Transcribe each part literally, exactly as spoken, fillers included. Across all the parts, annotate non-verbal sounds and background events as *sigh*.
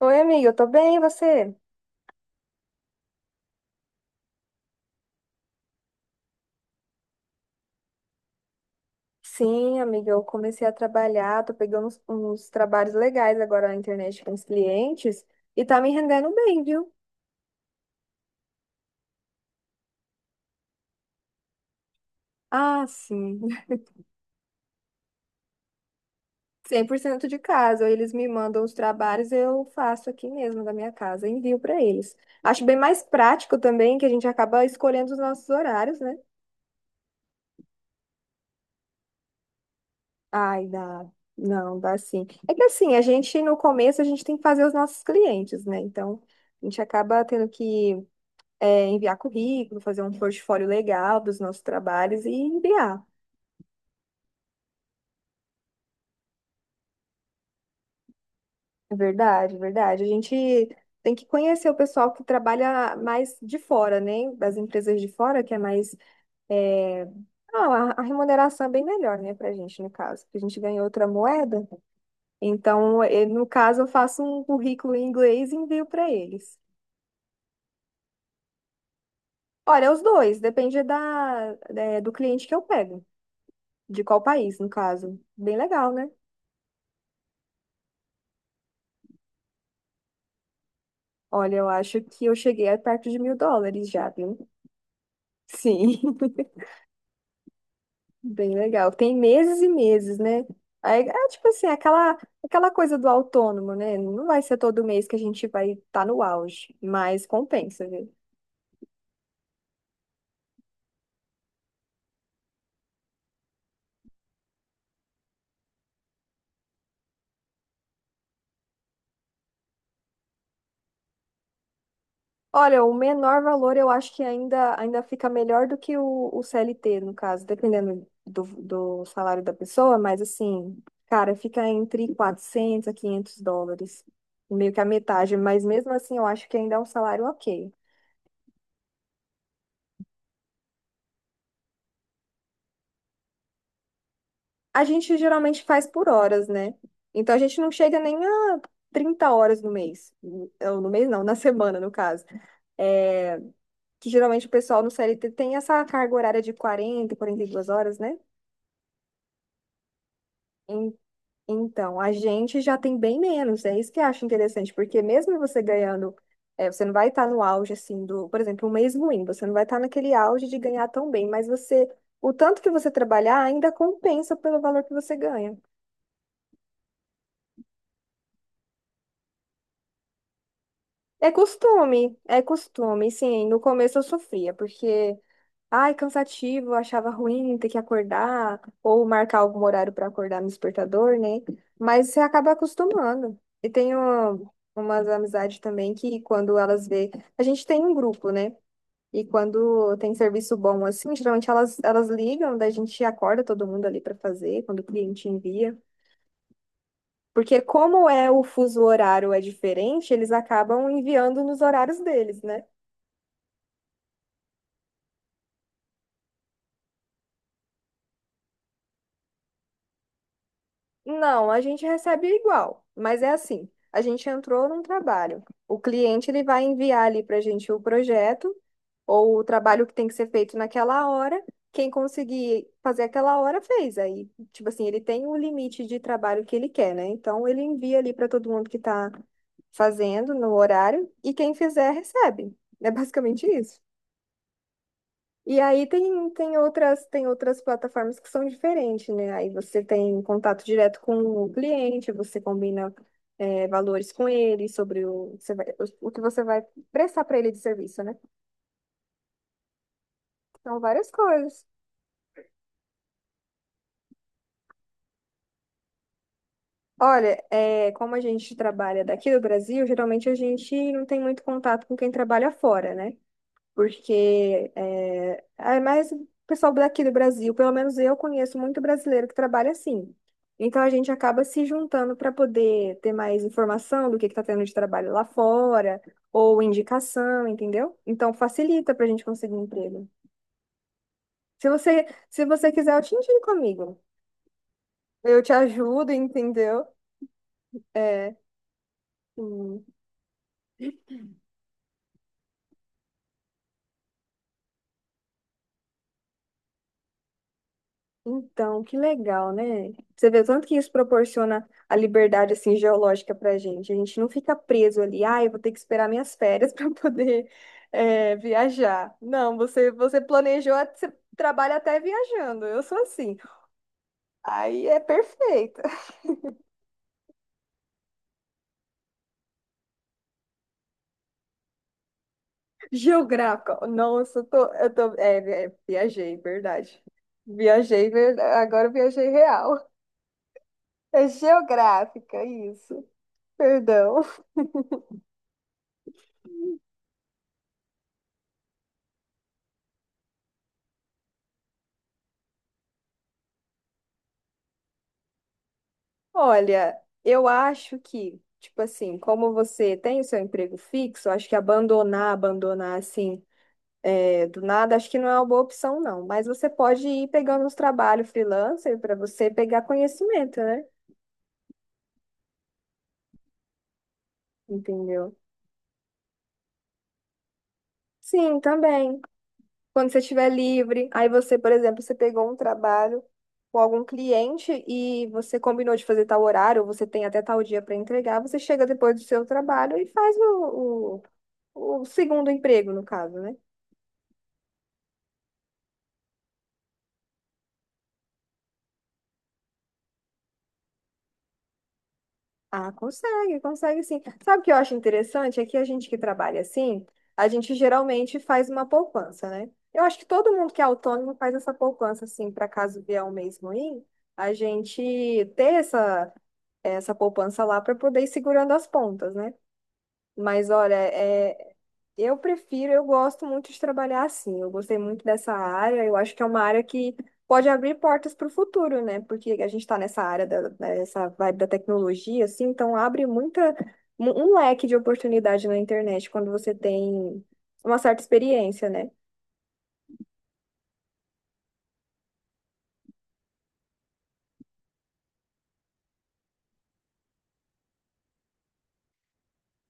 Oi, amiga, eu tô bem, e você? Sim, amiga, eu comecei a trabalhar, tô pegando uns, uns trabalhos legais agora na internet com os clientes e tá me rendendo bem, viu? Ah, sim. *laughs* Cem por cento de casa, eles me mandam os trabalhos, eu faço aqui mesmo da minha casa, envio pra eles. Acho bem mais prático também, que a gente acaba escolhendo os nossos horários, né? Ai, dá. Não, dá sim. É que assim, a gente no começo a gente tem que fazer os nossos clientes, né? Então, a gente acaba tendo que é, enviar currículo, fazer um portfólio legal dos nossos trabalhos e enviar. É verdade, é verdade. A gente tem que conhecer o pessoal que trabalha mais de fora, né? Das empresas de fora, que é mais. é, ah, a a remuneração é bem melhor, né, pra gente, no caso, porque a gente ganha outra moeda. Então, eh, no caso, eu faço um currículo em inglês e envio para eles. Olha, os dois, depende da, eh, do cliente que eu pego, de qual país, no caso. Bem legal, né? Olha, eu acho que eu cheguei a perto de mil dólares já, viu? Sim, *laughs* bem legal. Tem meses e meses, né? Aí, é tipo assim, aquela, aquela coisa do autônomo, né? Não vai ser todo mês que a gente vai estar no auge, mas compensa, viu? Olha, o menor valor eu acho que ainda, ainda fica melhor do que o, o C L T, no caso, dependendo do, do salário da pessoa, mas assim, cara, fica entre quatrocentos, a quinhentos dólares, meio que a metade, mas mesmo assim eu acho que ainda é um salário ok. A gente geralmente faz por horas, né? Então a gente não chega nem a trinta horas no mês. eh, Ou no mês não, na *laughs* semana, no caso. É, que geralmente o pessoal no C L T tem essa carga horária de quarenta, quarenta e duas horas, né? Em- Então, a gente já tem bem menos. É isso que eu acho interessante, porque mesmo você ganhando, é, você não vai estar no auge, assim, do, por exemplo, um mês ruim, você não vai estar naquele auge de ganhar tão bem, mas você, o tanto que você trabalhar ainda compensa pelo valor que você ganha. É costume, é costume, sim. No começo eu sofria, porque, ai, cansativo, eu achava ruim ter que acordar, ou marcar algum horário para acordar no despertador, né? Mas você acaba acostumando. E tenho umas amizades também que, quando elas vê, a gente tem um grupo, né? E quando tem serviço bom assim, geralmente elas, elas ligam, daí a gente acorda todo mundo ali para fazer, quando o cliente envia. Porque como é o fuso horário é diferente, eles acabam enviando nos horários deles, né? Não, a gente recebe igual, mas é assim, a gente entrou num trabalho. O cliente ele vai enviar ali para a gente o projeto ou o trabalho que tem que ser feito naquela hora. Quem conseguir fazer aquela hora fez. Aí, tipo assim, ele tem o limite de trabalho que ele quer, né? Então ele envia ali para todo mundo que está fazendo no horário e quem fizer recebe. É basicamente isso. E aí tem, tem outras, tem outras plataformas que são diferentes, né? Aí você tem contato direto com o cliente, você combina, é, valores com ele, sobre o, você vai- o que você vai prestar para ele de serviço, né? São várias coisas. Olha, é, como a gente trabalha daqui do Brasil, geralmente a gente não tem muito contato com quem trabalha fora, né? Porque é, é mais o pessoal daqui do Brasil, pelo menos eu conheço muito brasileiro que trabalha assim. Então a gente acaba se juntando para poder ter mais informação do que está tendo de trabalho lá fora, ou indicação, entendeu? Então facilita para a gente conseguir um emprego. Se você, se você quiser, eu te indico, amigo. Eu te ajudo, entendeu? É, Então, que legal, né? Você vê o tanto que isso proporciona a liberdade assim geológica para a gente. A gente não fica preso ali, ah, eu vou ter que esperar minhas férias *laughs* para poder eh, viajar. Não, você você planejou, você trabalha até viajando. Eu sou assim. Aí é perfeito. *laughs* Geográfica. Nossa, eu tô, eu tô, é, é, viajei, verdade. Viajei, ver- agora eu viajei real. É geográfica, isso. Perdão. Olha, eu acho que, tipo assim, como você tem o seu emprego fixo, acho que abandonar, abandonar assim, é, do nada, acho que não é uma boa opção, não. Mas você pode ir pegando uns trabalhos freelancer para você pegar conhecimento, né? Entendeu? Sim, também. Quando você estiver livre, aí você, por exemplo, você pegou um trabalho com algum cliente e você combinou de fazer tal horário, ou você tem até tal dia para entregar, você chega depois do seu trabalho e faz o, o o segundo emprego, no caso, né? Ah, consegue, consegue sim. Sabe o que eu acho interessante? É que a gente que trabalha assim, a gente geralmente faz uma poupança, né? Eu acho que todo mundo que é autônomo faz essa poupança, assim, para caso vier um mês ruim, a gente ter essa, essa poupança lá para poder ir segurando as pontas, né? Mas olha, é, eu prefiro, eu gosto muito de trabalhar assim. Eu gostei muito dessa área. Eu acho que é uma área que pode abrir portas para o futuro, né? Porque a gente está nessa área da, dessa vibe da tecnologia, assim, então abre muita um um leque de oportunidade na internet quando você tem uma certa experiência, né?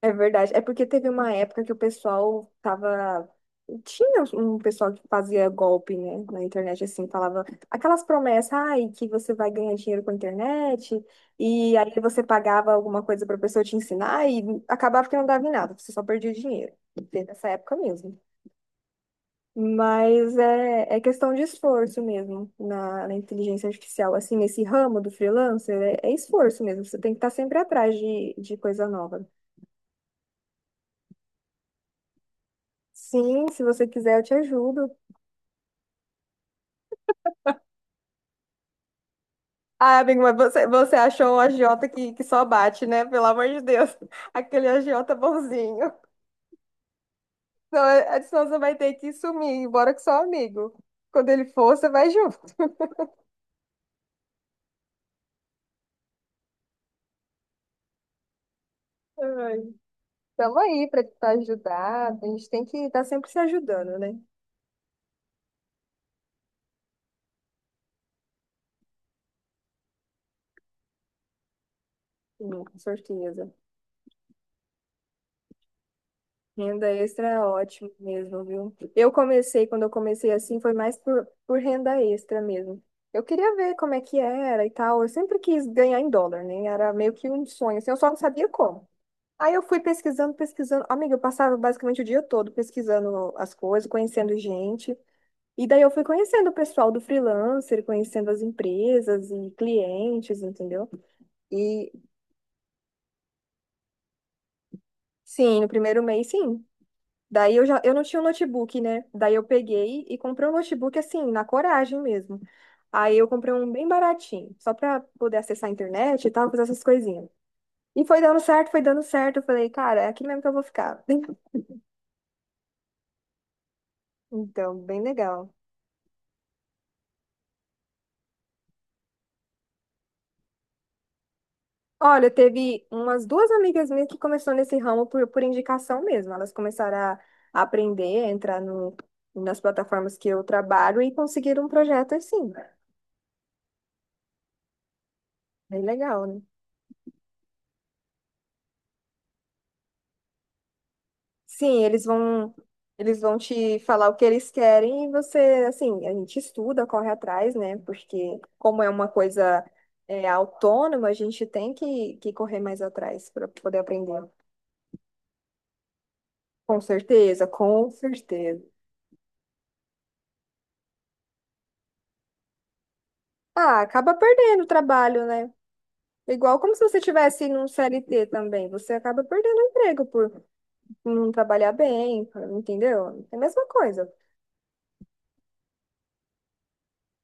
É verdade. É porque teve uma época que o pessoal tava. Tinha um pessoal que fazia golpe, né, na internet, assim, falava aquelas promessas, ai, que você vai ganhar dinheiro com a internet, e aí você pagava alguma coisa pra pessoa te ensinar, e acabava que não dava em nada, você só perdia dinheiro. Teve essa época mesmo. Mas é, é questão de esforço mesmo na, na inteligência artificial, assim, nesse ramo do freelancer, é, é esforço mesmo, você tem que estar sempre atrás de, de coisa nova. Sim, se você quiser, eu te ajudo. Ah, amigo, mas você, você achou um agiota que, que só bate, né? Pelo amor de Deus. *laughs* Aquele agiota bonzinho. então é- é- senão você vai ter que sumir, embora que só amigo. Quando ele for, você vai junto. Ai. Tamo aí pra te ajudar. A gente tem que estar sempre se ajudando, né? Sim, com certeza. Renda extra é ótimo mesmo, viu? Eu comecei, quando eu comecei assim, foi mais por, por renda extra mesmo. Eu queria ver como é que era e tal. Eu sempre quis ganhar em dólar, né? Era meio que um sonho, assim, eu só não sabia como. Aí eu fui pesquisando, pesquisando. Amiga, eu passava basicamente o dia todo pesquisando as coisas, conhecendo gente. E daí eu fui conhecendo o pessoal do freelancer, conhecendo as empresas e clientes, entendeu? E sim, no primeiro mês, sim. Daí eu já, eu não tinha um notebook, né? Daí eu peguei e comprei um notebook assim, na coragem mesmo. Aí eu comprei um bem baratinho, só pra poder acessar a internet e tal, fazer essas coisinhas. E foi dando certo, foi dando certo. Eu falei, cara, é aqui mesmo que eu vou ficar. *laughs* Então, bem legal. Olha, teve umas duas amigas minhas que começou nesse ramo por, por indicação mesmo. Elas começaram a a aprender, a entrar no, nas plataformas que eu trabalho e conseguiram um projeto assim. Bem legal, né? Sim, eles vão eles vão te falar o que eles querem e você, assim, a gente estuda, corre atrás, né? Porque como é uma coisa é, autônoma, a gente tem que, que correr mais atrás para poder aprender. Com certeza, com certeza. Ah, acaba perdendo o trabalho, né? Igual como se você tivesse num C L T também, você acaba perdendo o emprego por não trabalhar bem, entendeu? É a mesma coisa.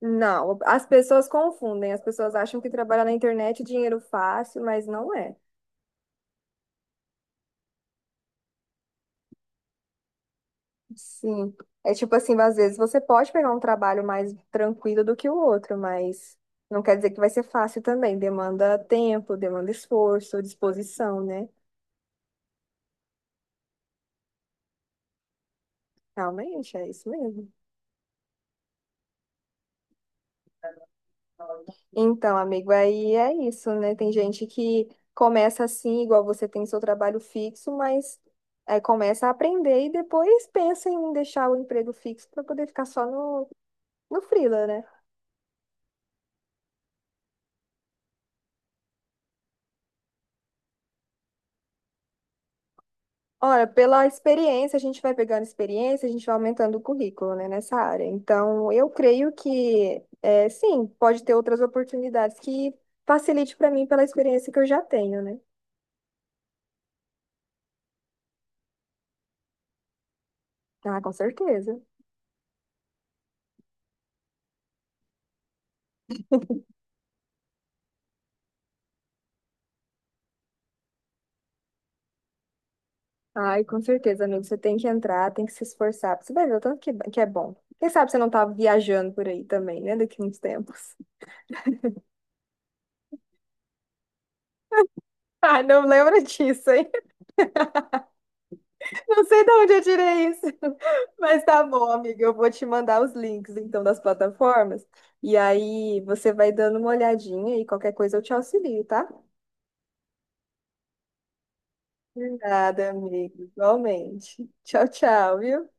Não, as pessoas confundem, as pessoas acham que trabalhar na internet é dinheiro fácil, mas não é. Sim. É tipo assim, às vezes você pode pegar um trabalho mais tranquilo do que o outro, mas não quer dizer que vai ser fácil também. Demanda tempo, demanda esforço, disposição, né? Realmente, é isso mesmo. Então, amigo, aí é isso, né? Tem gente que começa assim, igual você tem seu trabalho fixo, mas é, começa a aprender e depois pensa em deixar o emprego fixo para poder ficar só no No freela, né? Olha, pela experiência, a gente vai pegando experiência, a gente vai aumentando o currículo, né, nessa área. Então, eu creio que, é, sim, pode ter outras oportunidades que facilite para mim pela experiência que eu já tenho, né? Ah, com certeza. Ai, com certeza, amigo. Você tem que entrar, tem que se esforçar. Você vai ver o tanto que, que é bom. Quem sabe você não tá viajando por aí também, né, daqui a uns tempos. *laughs* Ah, não lembra disso, hein? Não sei de onde eu tirei isso, *laughs* mas tá bom, amiga. Eu vou te mandar os links, então, das plataformas. E aí você vai dando uma olhadinha e qualquer coisa eu te auxilio, tá? De nada, amigo. Igualmente. Tchau, tchau, viu?